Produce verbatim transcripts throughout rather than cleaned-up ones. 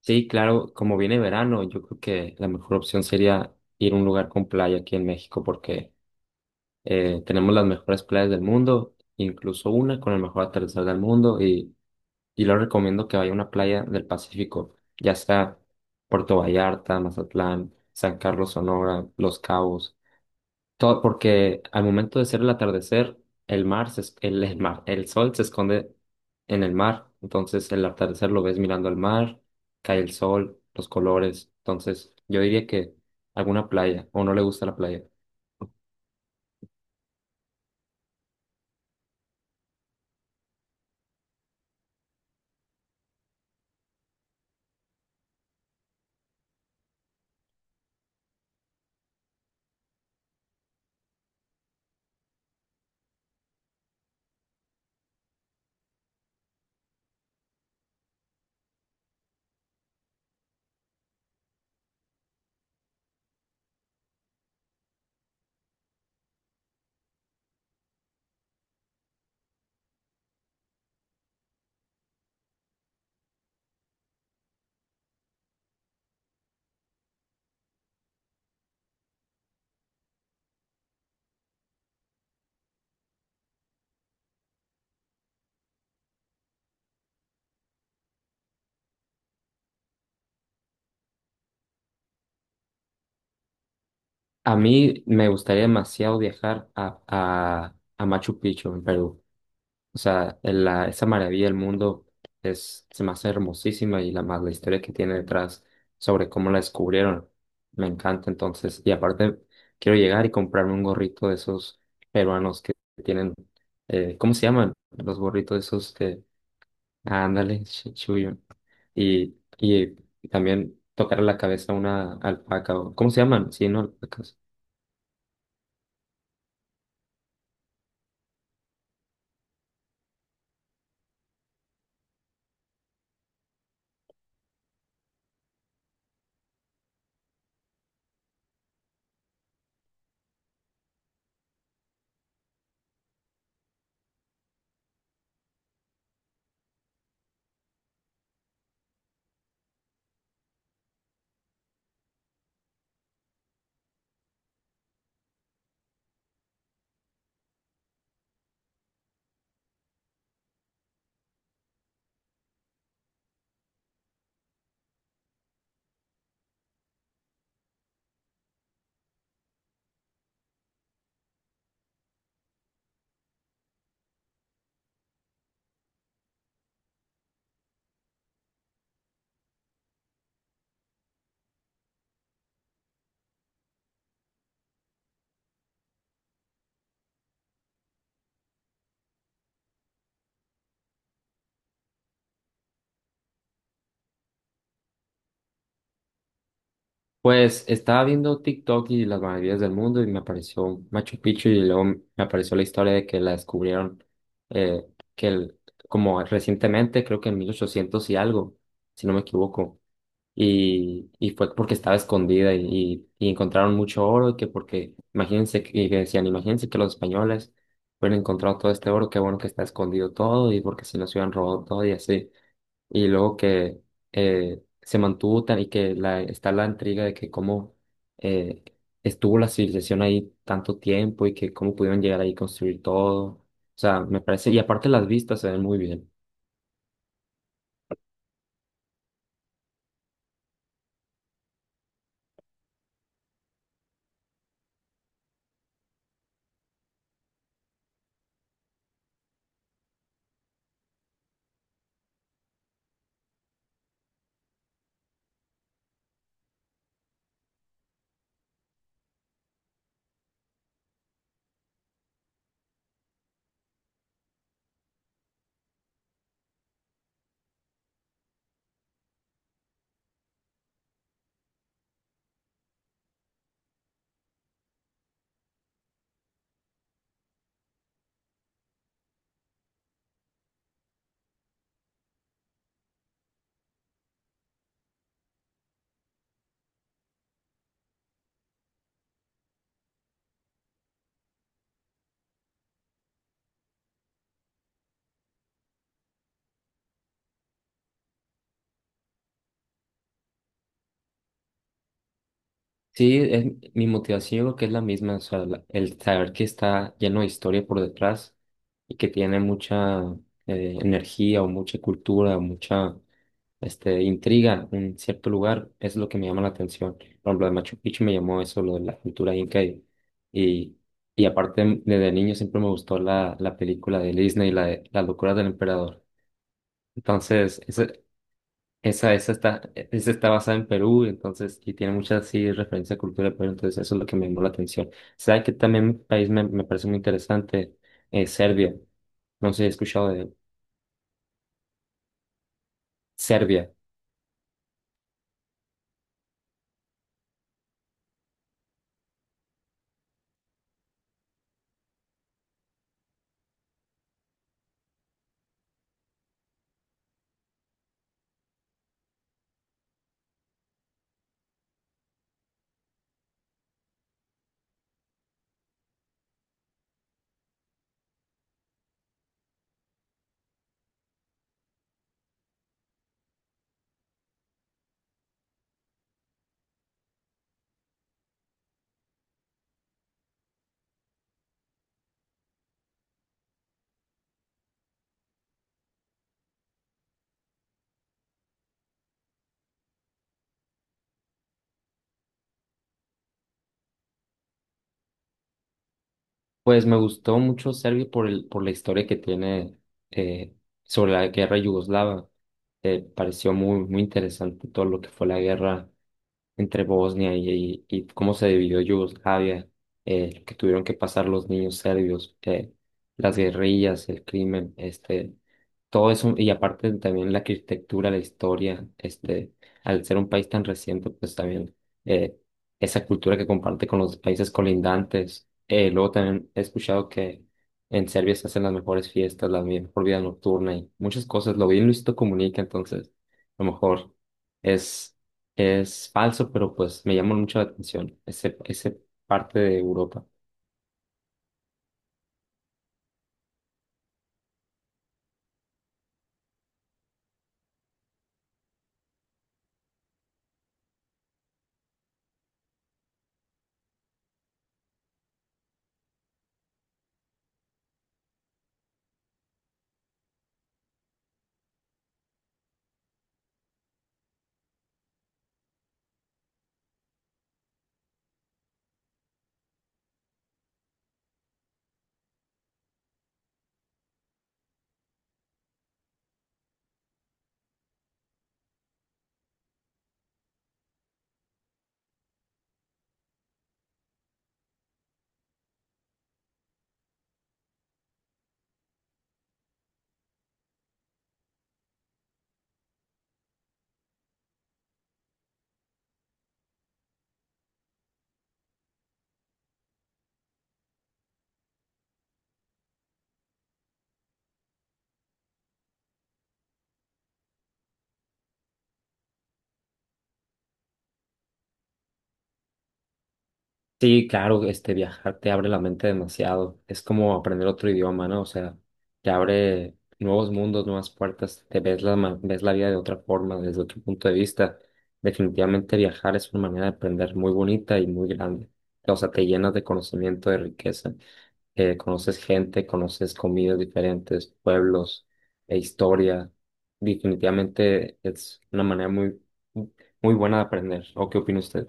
Sí, claro, como viene verano, yo creo que la mejor opción sería ir a un lugar con playa aquí en México porque eh, tenemos las mejores playas del mundo, incluso una con el mejor atardecer del mundo y, y lo recomiendo que vaya a una playa del Pacífico, ya sea Puerto Vallarta, Mazatlán, San Carlos, Sonora, Los Cabos. Todo, porque al momento de ser el atardecer, el mar se es- el, el mar, el sol se esconde en el mar. Entonces el atardecer lo ves mirando al mar, cae el sol, los colores. Entonces yo diría que alguna playa, o no le gusta la playa. A mí me gustaría demasiado viajar a, a, a Machu Picchu en Perú. O sea, el- la- esa maravilla del mundo es, se me hace hermosísima y la más la historia que tiene detrás sobre cómo la descubrieron. Me encanta entonces. Y aparte, quiero llegar y comprarme un gorrito de esos peruanos que tienen, eh, ¿cómo se llaman? Los gorritos esos que, ah, ándale, ch- chuyo. Y, y también tocar la cabeza a una alpaca, o, ¿cómo se llaman? Sí, no, alpacas. Pues estaba viendo TikTok y las maravillas del mundo y me apareció Machu Picchu y luego me apareció la historia de que la descubrieron, eh, que el- como recientemente, creo que en mil ochocientos y algo, si no me equivoco. Y, y fue porque estaba escondida y, y- y encontraron mucho oro, que porque, imagínense, que y que decían, imagínense que los españoles hubieran encontrado todo este oro, qué bueno que está escondido todo, y porque si nos hubieran robado todo y así. Y luego que eh, se mantuvo tan, y que la, está la intriga de que cómo eh, estuvo la civilización ahí tanto tiempo y que cómo pudieron llegar ahí y construir todo. O sea, me parece, y aparte las vistas se ven muy bien. Sí, es, mi motivación creo que es la misma, o sea, la- el saber que está lleno de historia por detrás y que tiene mucha eh, energía o mucha cultura o mucha este, intriga en cierto lugar es lo que me llama la atención. Por ejemplo, de Machu Picchu me llamó eso, lo de la cultura inca y, y, y aparte desde niño siempre me gustó la, la película de Disney, la de Las locuras del emperador. Entonces, esa, esa está, esa está basada en Perú, entonces, y tiene muchas, sí, referencias a cultura de Perú, entonces eso es lo que me llamó la atención. ¿Sabes que también mi país me, me parece muy interesante? Eh, Serbia. No sé si he escuchado de Serbia. Pues me gustó mucho Serbia por el, por la historia que tiene, eh, sobre la guerra yugoslava. Eh, pareció muy, muy interesante todo lo que fue la guerra entre Bosnia y, y, y cómo se dividió Yugoslavia, eh, lo que tuvieron que pasar los niños serbios, eh, las guerrillas, el crimen, este, todo eso, y aparte también la arquitectura, la historia, este, al ser un país tan reciente, pues también, eh, esa cultura que comparte con los países colindantes, eh, luego también he escuchado que en Serbia se hacen las mejores fiestas, la mejor vida nocturna y muchas cosas. Lo vi en Luisito Comunica, entonces a lo mejor es, es falso, pero pues me llama mucho la atención ese, ese parte de Europa. Sí, claro, este, viajar te abre la mente demasiado. Es como aprender otro idioma, ¿no? O sea, te abre nuevos mundos, nuevas puertas, te ves la, ma- ves la vida de otra forma, desde otro punto de vista. Definitivamente viajar es una manera de aprender muy bonita y muy grande. O sea, te llenas de conocimiento, de riqueza. Eh, conoces gente, conoces comidas diferentes, pueblos e historia. Definitivamente es una manera muy, muy buena de aprender. ¿O qué opina usted?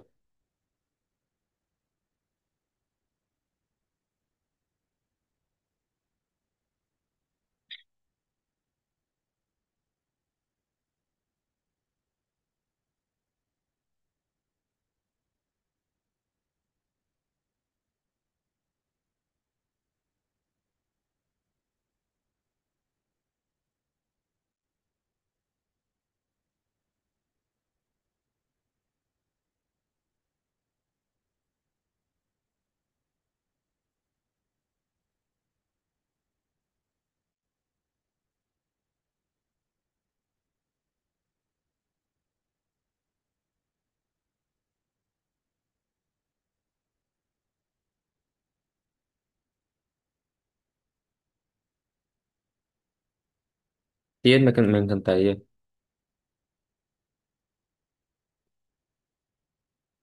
Sí, me, me encantaría.